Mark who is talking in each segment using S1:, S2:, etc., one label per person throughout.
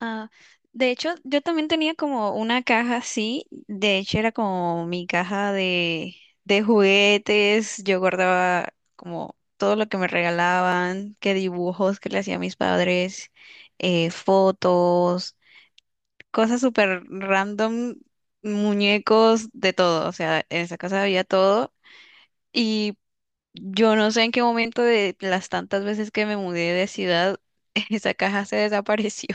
S1: Ah, de hecho, yo también tenía como una caja así, de hecho era como mi caja de juguetes, yo guardaba como todo lo que me regalaban, que dibujos que le hacía mis padres, fotos, cosas súper random, muñecos, de todo, o sea, en esa casa había todo y yo no sé en qué momento de las tantas veces que me mudé de ciudad, esa caja se desapareció.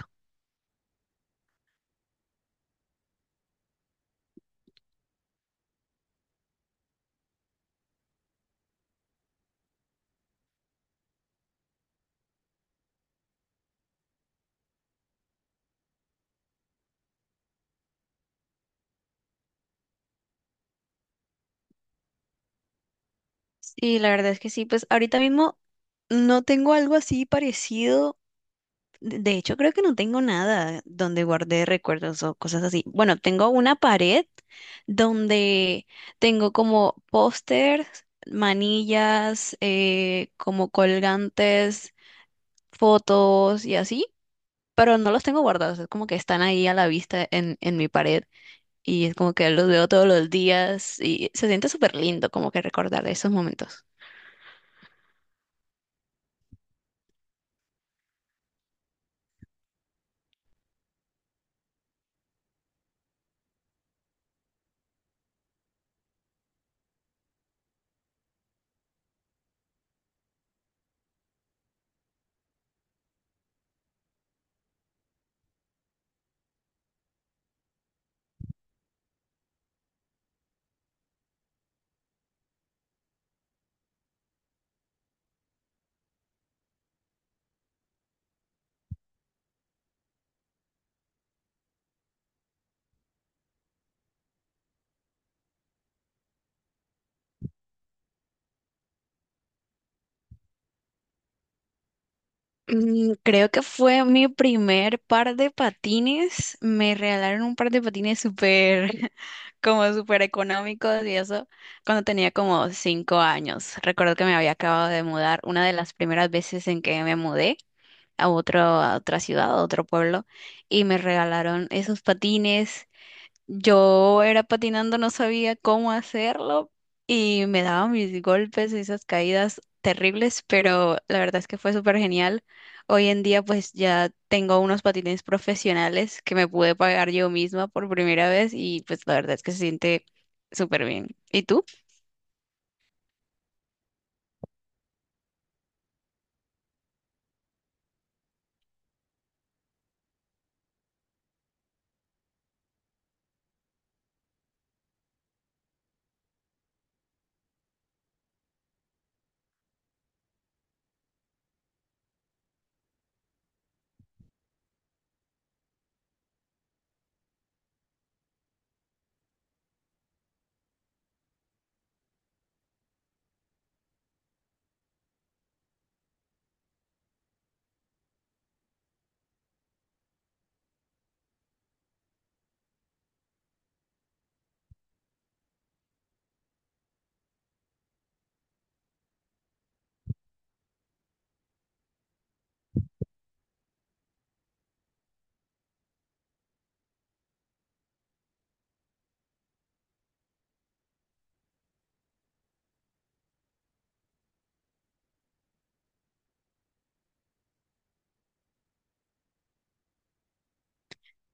S1: Sí, la verdad es que sí. Pues ahorita mismo no tengo algo así parecido. De hecho, creo que no tengo nada donde guardé recuerdos o cosas así. Bueno, tengo una pared donde tengo como pósters, manillas, como colgantes, fotos y así, pero no los tengo guardados. Es como que están ahí a la vista en mi pared y es como que los veo todos los días y se siente súper lindo como que recordar esos momentos. Creo que fue mi primer par de patines. Me regalaron un par de patines súper, como súper económicos y eso cuando tenía como 5 años. Recuerdo que me había acabado de mudar, una de las primeras veces en que me mudé. A otra ciudad, a otro pueblo, y me regalaron esos patines, yo era patinando, no sabía cómo hacerlo y me daba mis golpes y esas caídas terribles, pero la verdad es que fue súper genial. Hoy en día pues ya tengo unos patines profesionales que me pude pagar yo misma por primera vez y pues la verdad es que se siente súper bien. ¿Y tú?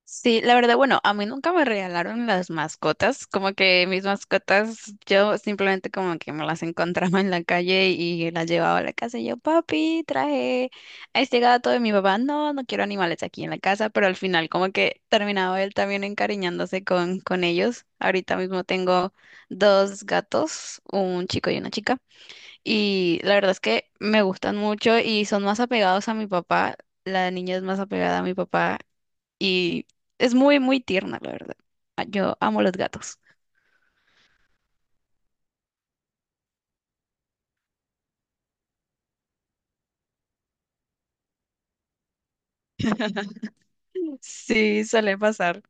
S1: Sí, la verdad, bueno, a mí nunca me regalaron las mascotas, como que mis mascotas, yo simplemente como que me las encontraba en la calle y las llevaba a la casa y yo, papi, traje a este gato de mi papá, no, no quiero animales aquí en la casa, pero al final como que terminaba él también encariñándose con ellos. Ahorita mismo tengo dos gatos, un chico y una chica, y la verdad es que me gustan mucho y son más apegados a mi papá. La niña es más apegada a mi papá y es muy, muy tierna, la verdad. Ah, yo amo los gatos. Sí, suele pasar.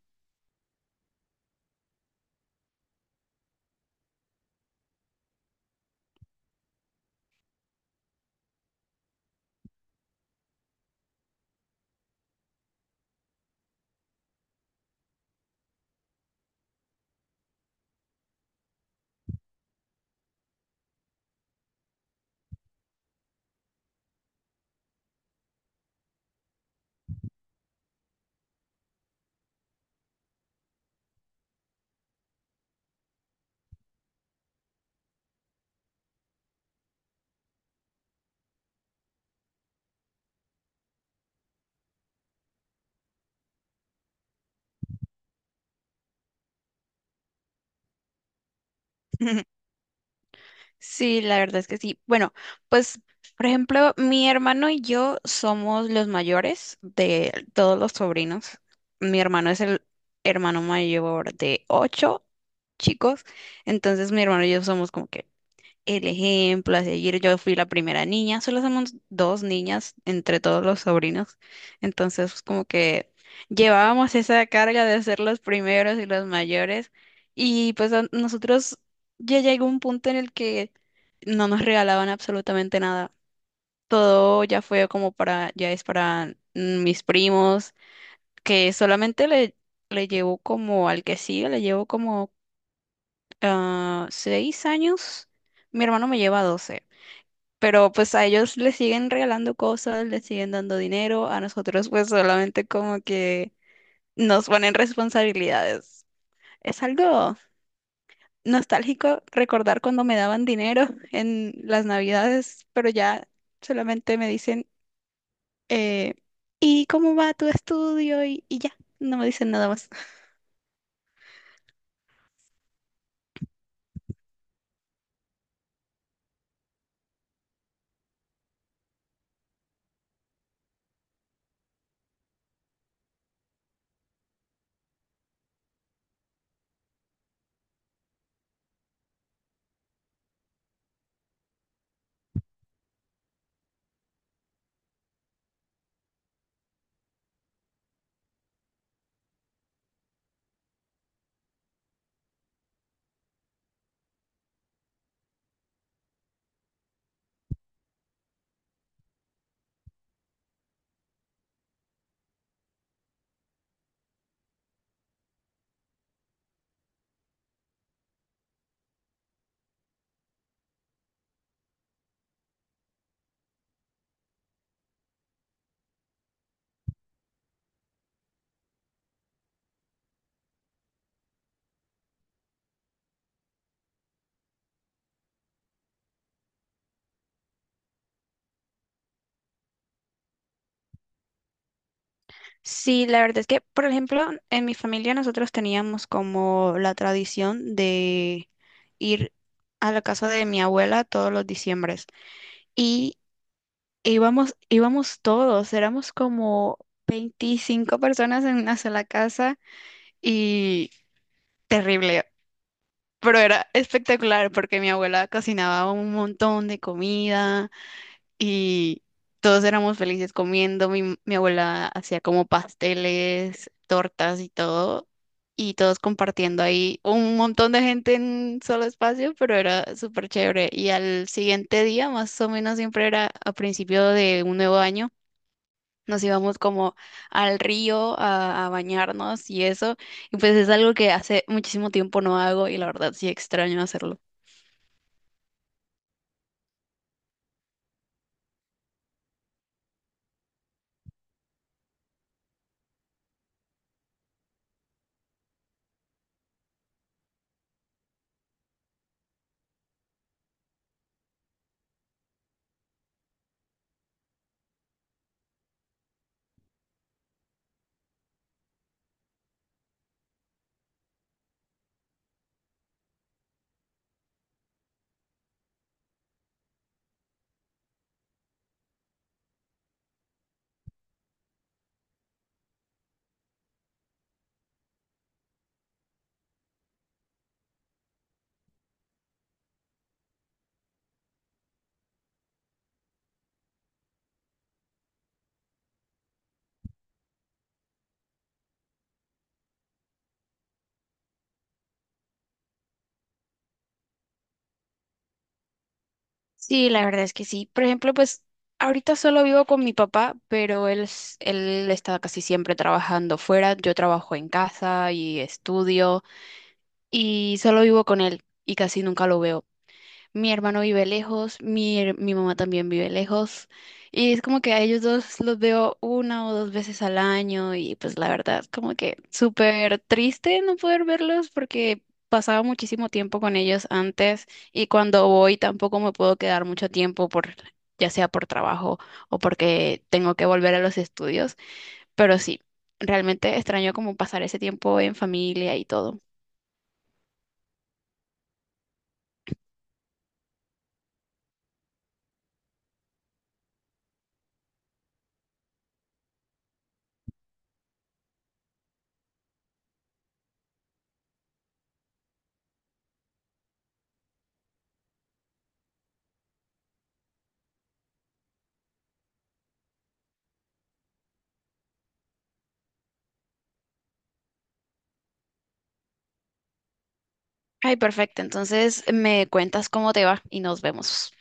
S1: Sí, la verdad es que sí. Bueno, pues, por ejemplo, mi hermano y yo somos los mayores de todos los sobrinos. Mi hermano es el hermano mayor de ocho chicos. Entonces, mi hermano y yo somos como que el ejemplo a seguir. Yo fui la primera niña, solo somos dos niñas entre todos los sobrinos. Entonces, pues, como que llevábamos esa carga de ser los primeros y los mayores. Y pues a nosotros ya llegó un punto en el que no nos regalaban absolutamente nada. Todo ya fue como para, ya es para mis primos, que solamente le llevo como al que sigue, le llevo como 6 años. Mi hermano me lleva 12. Pero pues a ellos les siguen regalando cosas, les siguen dando dinero, a nosotros pues solamente como que nos ponen responsabilidades. Es algo nostálgico recordar cuando me daban dinero en las navidades, pero ya solamente me dicen, eh, ¿y cómo va tu estudio? Y ya, no me dicen nada más. Sí, la verdad es que, por ejemplo, en mi familia nosotros teníamos como la tradición de ir a la casa de mi abuela todos los diciembre. Y íbamos todos, éramos como 25 personas en una sola casa y terrible, pero era espectacular porque mi abuela cocinaba un montón de comida y todos éramos felices comiendo, mi abuela hacía como pasteles, tortas y todo. Y todos compartiendo ahí un montón de gente en un solo espacio, pero era súper chévere. Y al siguiente día, más o menos siempre era a principio de un nuevo año, nos íbamos como al río a bañarnos y eso. Y pues es algo que hace muchísimo tiempo no hago y la verdad sí extraño hacerlo. Sí, la verdad es que sí. Por ejemplo, pues ahorita solo vivo con mi papá, pero él está casi siempre trabajando fuera. Yo trabajo en casa y estudio y solo vivo con él y casi nunca lo veo. Mi hermano vive lejos, mi mamá también vive lejos. Y es como que a ellos dos los veo una o dos veces al año y pues la verdad, como que súper triste no poder verlos porque pasaba muchísimo tiempo con ellos antes y cuando voy tampoco me puedo quedar mucho tiempo por, ya sea por trabajo o porque tengo que volver a los estudios. Pero sí, realmente extraño como pasar ese tiempo en familia y todo. Ay, perfecto. Entonces me cuentas cómo te va y nos vemos.